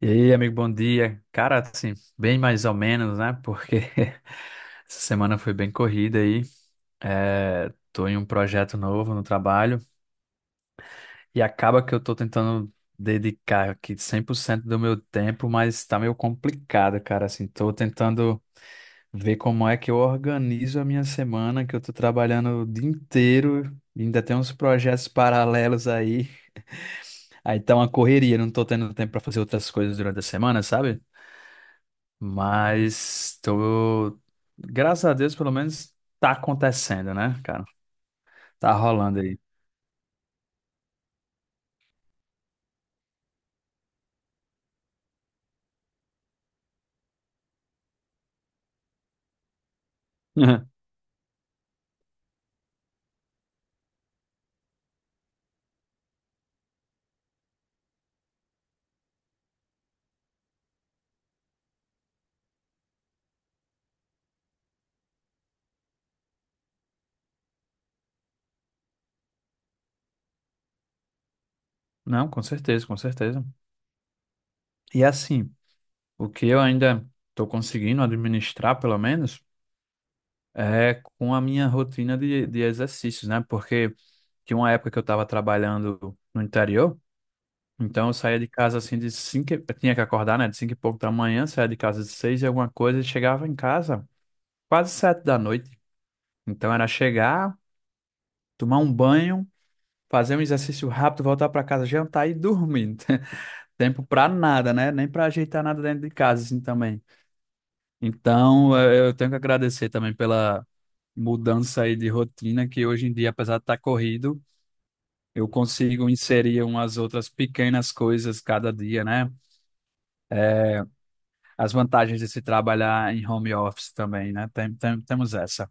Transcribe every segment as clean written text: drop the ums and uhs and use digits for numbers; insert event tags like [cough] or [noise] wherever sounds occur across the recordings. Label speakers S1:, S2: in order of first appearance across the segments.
S1: E aí, amigo, bom dia. Cara, assim, bem mais ou menos, né? Porque [laughs] essa semana foi bem corrida aí. É, tô em um projeto novo no trabalho e acaba que eu tô tentando dedicar aqui 100% do meu tempo, mas tá meio complicado, cara. Assim, tô tentando ver como é que eu organizo a minha semana, que eu tô trabalhando o dia inteiro, e ainda tem uns projetos paralelos aí. Aí tá uma correria, não tô tendo tempo pra fazer outras coisas durante a semana, sabe? Mas tô, graças a Deus, pelo menos tá acontecendo, né, cara? Tá rolando aí. [laughs] Não, com certeza, com certeza. E assim, o que eu ainda tô conseguindo administrar, pelo menos, é com a minha rotina de exercícios, né? Porque tinha uma época que eu tava trabalhando no interior, então eu saía de casa assim de cinco, eu tinha que acordar, né, de cinco e pouco da manhã, saía de casa de seis e alguma coisa e chegava em casa quase sete da noite. Então era chegar, tomar um banho fazer um exercício rápido, voltar para casa, jantar e dormir. [laughs] Tempo para nada, né? Nem para ajeitar nada dentro de casa, assim também. Então, eu tenho que agradecer também pela mudança aí de rotina, que hoje em dia, apesar de estar corrido, eu consigo inserir umas outras pequenas coisas cada dia, né? As vantagens de se trabalhar em home office também, né? Temos essa.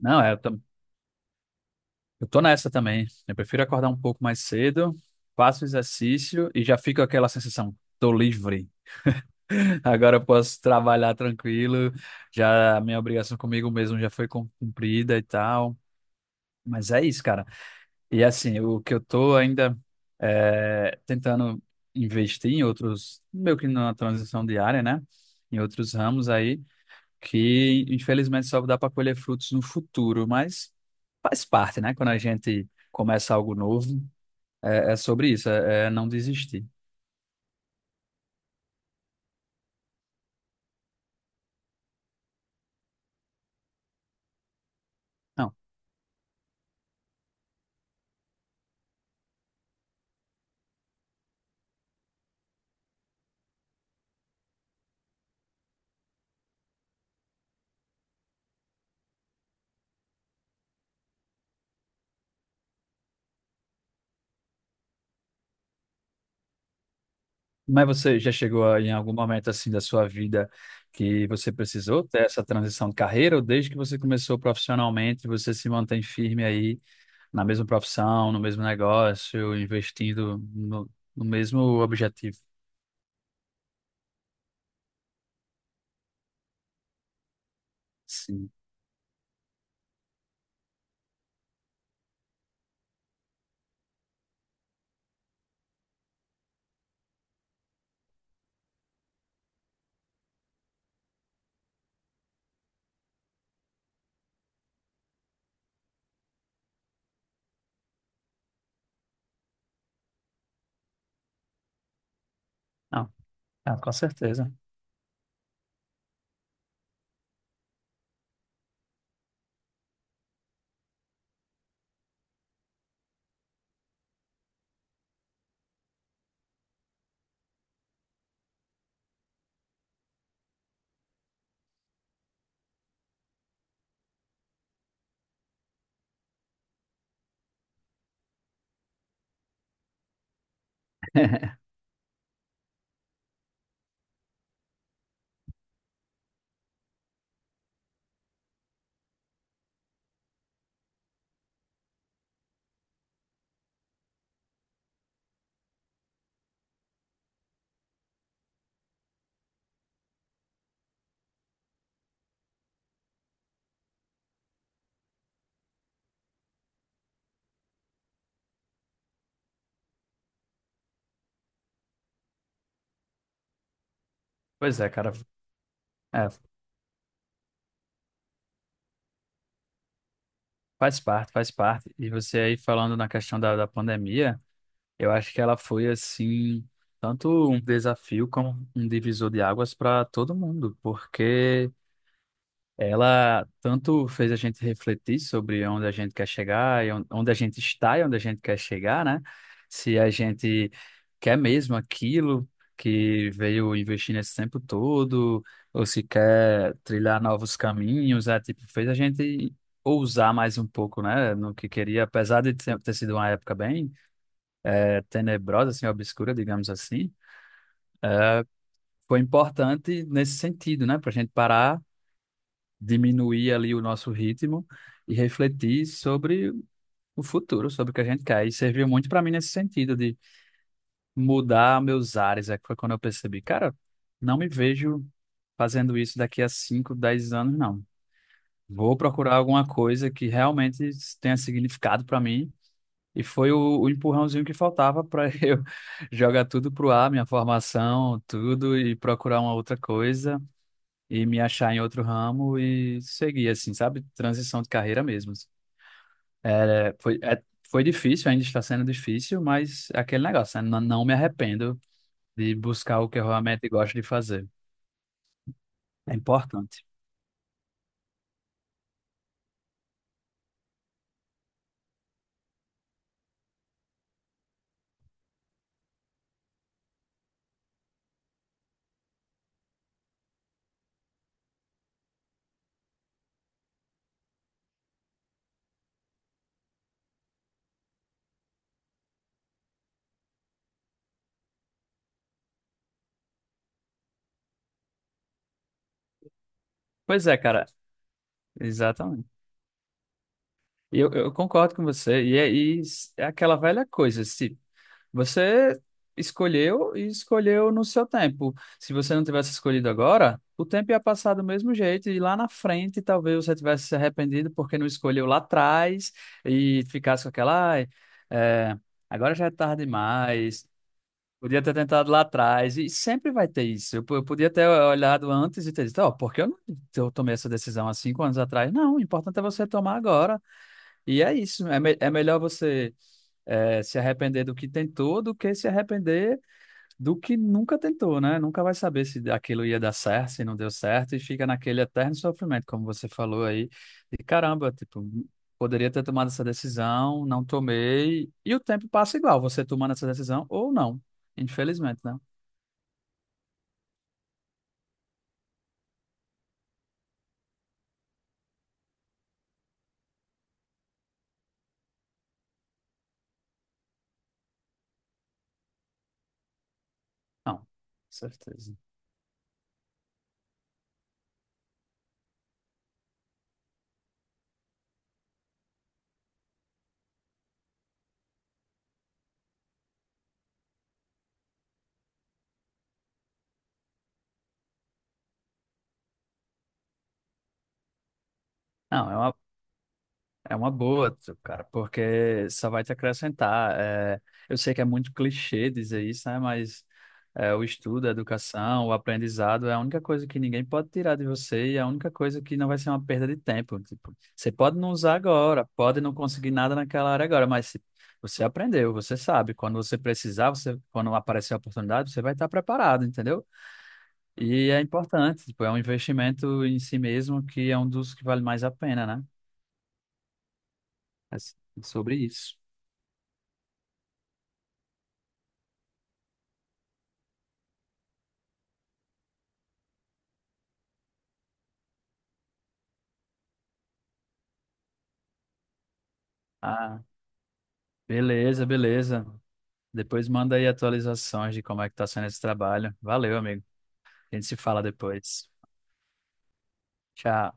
S1: Não, é, eu tô nessa também. Eu prefiro acordar um pouco mais cedo, faço exercício e já fico aquela sensação, tô livre. Agora eu posso trabalhar tranquilo. Já a minha obrigação comigo mesmo já foi cumprida e tal. Mas é isso, cara. E assim, o que eu tô ainda é, tentando investir em outros, meio que na transição diária, né? Em outros ramos aí, que infelizmente só dá para colher frutos no futuro, mas faz parte, né? Quando a gente começa algo novo, é, é sobre isso, é não desistir. Mas você já chegou em algum momento assim da sua vida que você precisou ter essa transição de carreira, ou desde que você começou profissionalmente, você se mantém firme aí na mesma profissão, no mesmo negócio, investindo no mesmo objetivo? Sim. Não, ah, com certeza. [laughs] Pois é, cara, é, faz parte, faz parte. E você aí falando na questão da pandemia, eu acho que ela foi assim, tanto um desafio como um divisor de águas para todo mundo, porque ela tanto fez a gente refletir sobre onde a gente quer chegar, e onde a gente está e onde a gente quer chegar, né? Se a gente quer mesmo aquilo que veio investir nesse tempo todo, ou se quer trilhar novos caminhos, é tipo, fez a gente ousar mais um pouco, né? No que queria, apesar de ter sido uma época bem tenebrosa, assim, obscura, digamos assim, foi importante nesse sentido, né? Para a gente parar diminuir ali o nosso ritmo e refletir sobre o futuro, sobre o que a gente quer. E serviu muito para mim nesse sentido de mudar meus ares. É que foi quando eu percebi, cara, não me vejo fazendo isso daqui a 5, 10 anos, não. Vou procurar alguma coisa que realmente tenha significado para mim. E foi o empurrãozinho que faltava para [laughs] eu jogar tudo pro ar, minha formação, tudo, e procurar uma outra coisa e me achar em outro ramo e seguir, assim, sabe? Transição de carreira mesmo. É, foi difícil, ainda está sendo difícil, mas é aquele negócio, né? Não, não me arrependo de buscar o que eu realmente gosto de fazer. É importante. Pois é, cara, exatamente. E eu concordo com você. E é aquela velha coisa, se você escolheu e escolheu no seu tempo. Se você não tivesse escolhido agora, o tempo ia passar do mesmo jeito e lá na frente talvez você tivesse se arrependido porque não escolheu lá atrás e ficasse com aquela, ai, é, agora já é tarde demais. Podia ter tentado lá atrás, e sempre vai ter isso. Eu, eu podia ter olhado antes e ter dito, ó, por que eu não eu tomei essa decisão há 5 anos atrás? Não, o importante é você tomar agora. E é isso. É, é melhor você é, se arrepender do que tentou do que se arrepender do que nunca tentou, né? Nunca vai saber se aquilo ia dar certo, se não deu certo, e fica naquele eterno sofrimento, como você falou aí, de caramba, tipo, poderia ter tomado essa decisão, não tomei, e o tempo passa igual, você tomando essa decisão ou não, infelizmente, né? Não, certeza. Não, é uma, é uma boa, cara, porque só vai te acrescentar. É, eu sei que é muito clichê dizer isso, né? Mas é, o estudo, a educação, o aprendizado é a única coisa que ninguém pode tirar de você e é a única coisa que não vai ser uma perda de tempo. Tipo, você pode não usar agora, pode não conseguir nada naquela área agora, mas se você aprendeu, você sabe. Quando você precisar, você, quando aparecer a oportunidade, você vai estar preparado, entendeu? E é importante, tipo, é um investimento em si mesmo que é um dos que vale mais a pena, né? É sobre isso. Ah, beleza, beleza. Depois manda aí atualizações de como é que tá sendo esse trabalho. Valeu, amigo. A gente se fala depois. Tchau.